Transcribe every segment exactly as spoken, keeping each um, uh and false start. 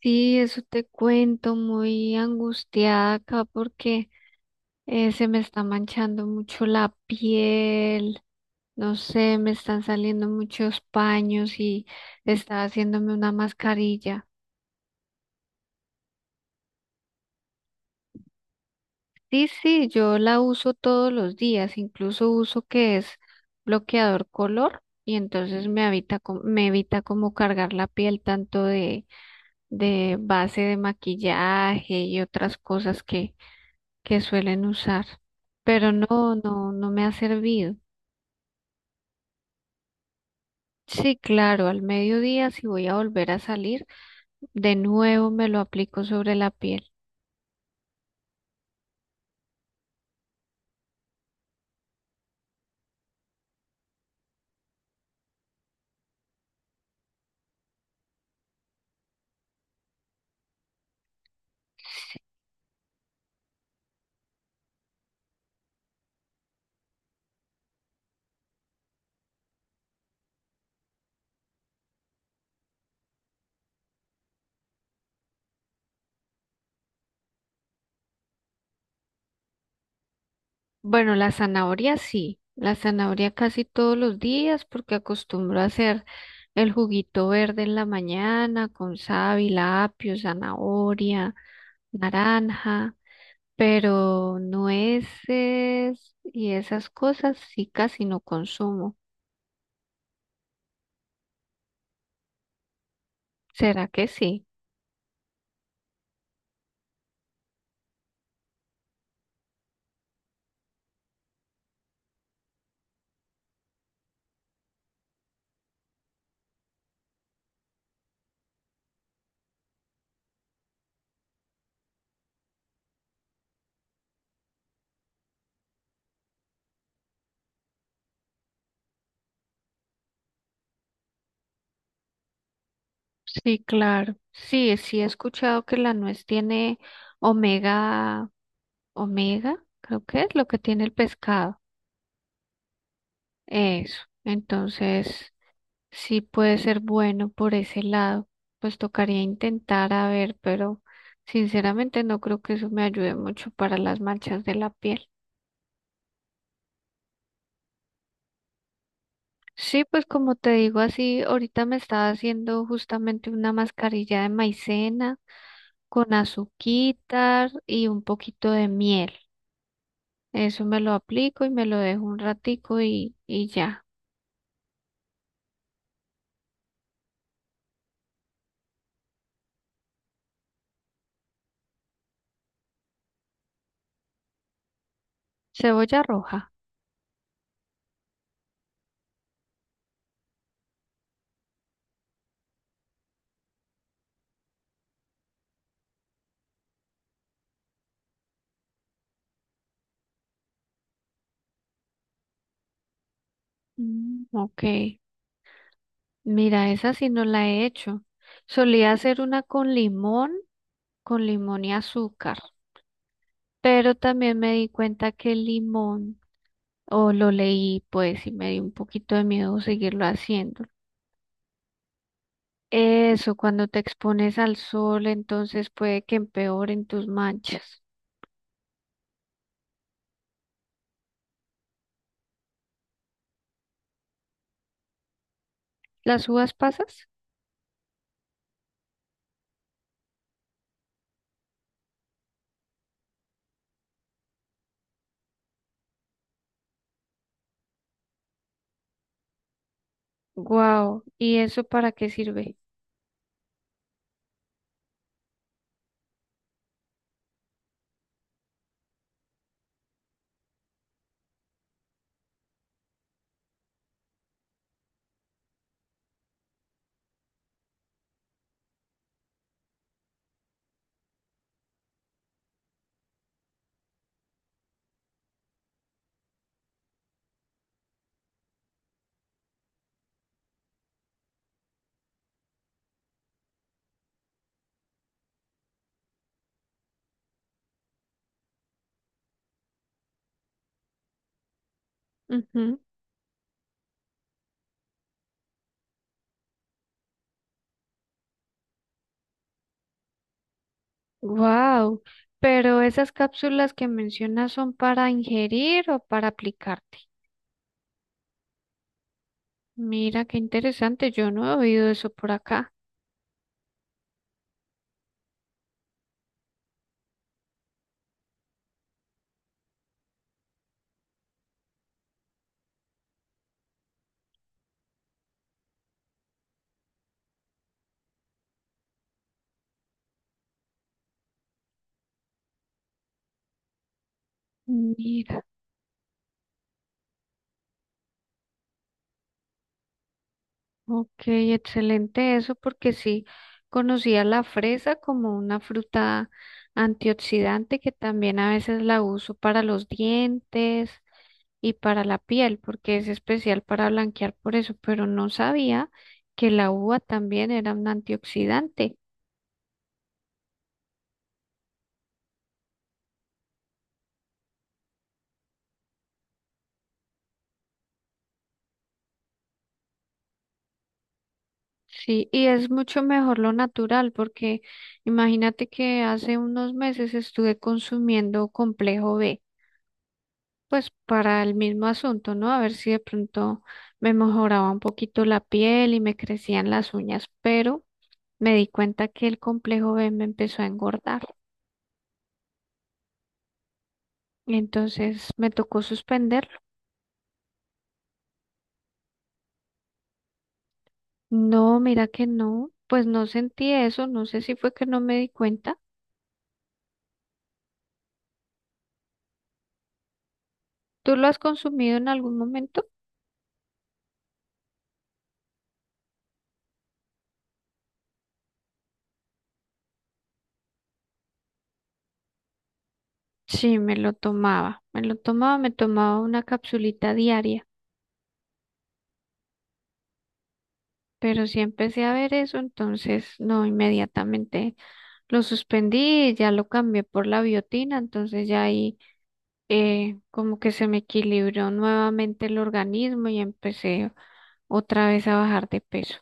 Sí, eso te cuento, muy angustiada acá porque eh, se me está manchando mucho la piel, no sé, me están saliendo muchos paños y está haciéndome una mascarilla. Sí, sí, yo la uso todos los días, incluso uso que es bloqueador color y entonces me evita, co- me evita como cargar la piel tanto de, de base de maquillaje y otras cosas que que suelen usar, pero no, no, no me ha servido. Sí, claro, al mediodía si voy a volver a salir, de nuevo me lo aplico sobre la piel. Bueno, la zanahoria sí, la zanahoria casi todos los días porque acostumbro a hacer el juguito verde en la mañana con sábila, apio, zanahoria, naranja, pero nueces y esas cosas sí casi no consumo. ¿Será que sí? Sí, claro. Sí, sí he escuchado que la nuez tiene omega, omega, creo que es lo que tiene el pescado. Eso. Entonces, sí puede ser bueno por ese lado. Pues tocaría intentar a ver, pero sinceramente no creo que eso me ayude mucho para las manchas de la piel. Sí, pues como te digo así, ahorita me estaba haciendo justamente una mascarilla de maicena con azuquitar y un poquito de miel. Eso me lo aplico y me lo dejo un ratico y, y ya. Cebolla roja. Mm, ok. Mira, esa sí no la he hecho. Solía hacer una con limón, con limón y azúcar. Pero también me di cuenta que el limón, o lo leí pues y me dio un poquito de miedo seguirlo haciendo. Eso, cuando te expones al sol, entonces puede que empeoren tus manchas. ¿Las uvas pasas? Guau. ¿Y eso para qué sirve? Ujú. Wow, pero esas cápsulas que mencionas son para ingerir o para aplicarte. Mira, qué interesante, yo no he oído eso por acá. Mira, ok, excelente eso porque sí conocía la fresa como una fruta antioxidante que también a veces la uso para los dientes y para la piel porque es especial para blanquear por eso, pero no sabía que la uva también era un antioxidante. Sí, y es mucho mejor lo natural, porque imagínate que hace unos meses estuve consumiendo complejo be, pues para el mismo asunto, ¿no? A ver si de pronto me mejoraba un poquito la piel y me crecían las uñas, pero me di cuenta que el complejo be me empezó a engordar, entonces me tocó suspenderlo. No, mira que no, pues no sentí eso, no sé si fue que no me di cuenta. ¿Tú lo has consumido en algún momento? Sí, me lo tomaba, me lo tomaba, me tomaba una capsulita diaria, pero sí empecé a ver eso, entonces no, inmediatamente lo suspendí y ya lo cambié por la biotina, entonces ya ahí eh, como que se me equilibró nuevamente el organismo y empecé otra vez a bajar de peso.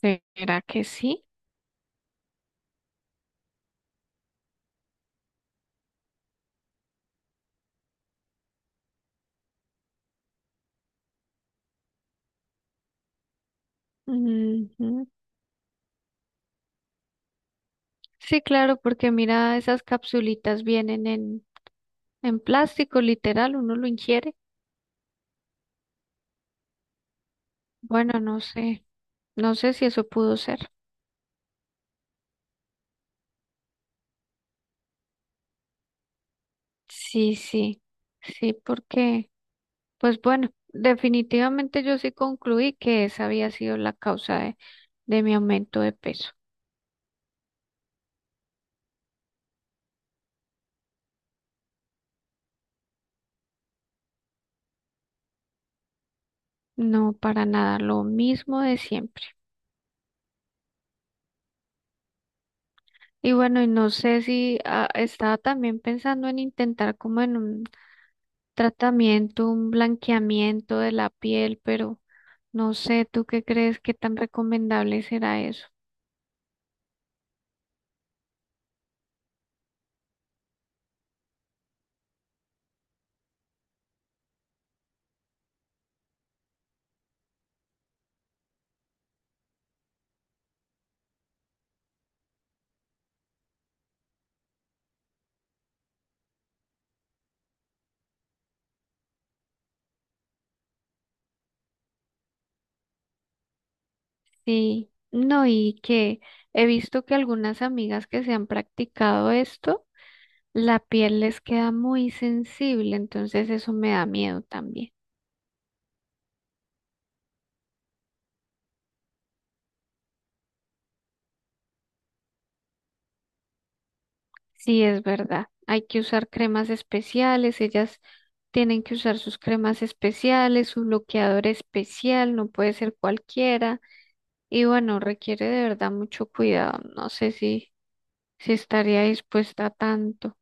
¿Será que sí? Ujú. Sí, claro, porque mira, esas capsulitas vienen en, en plástico, literal, uno lo ingiere. Bueno, no sé. No sé si eso pudo ser. Sí, sí, sí, porque, pues bueno, definitivamente yo sí concluí que esa había sido la causa de, de mi aumento de peso. No, para nada, lo mismo de siempre. Y bueno, y no sé si ah, estaba también pensando en intentar como en un tratamiento, un blanqueamiento de la piel, pero no sé, ¿tú qué crees que tan recomendable será eso? Sí, no, y que he visto que algunas amigas que se han practicado esto, la piel les queda muy sensible, entonces eso me da miedo también. Sí, es verdad. Hay que usar cremas especiales, ellas tienen que usar sus cremas especiales, su bloqueador especial, no puede ser cualquiera. Y bueno, requiere de verdad mucho cuidado. No sé si, si estaría dispuesta a tanto.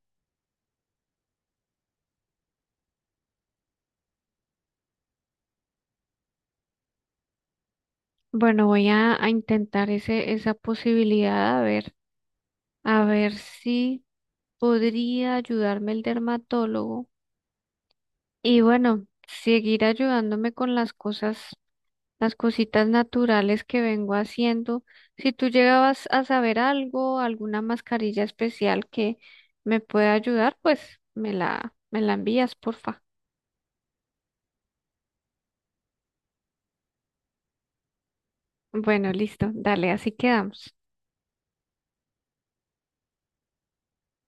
Bueno, voy a, a intentar ese, esa posibilidad a ver. A ver si podría ayudarme el dermatólogo. Y bueno, seguir ayudándome con las cosas, las cositas naturales que vengo haciendo. Si tú llegabas a saber algo, alguna mascarilla especial que me pueda ayudar, pues me la, me la envías, porfa. Bueno, listo, dale, así quedamos.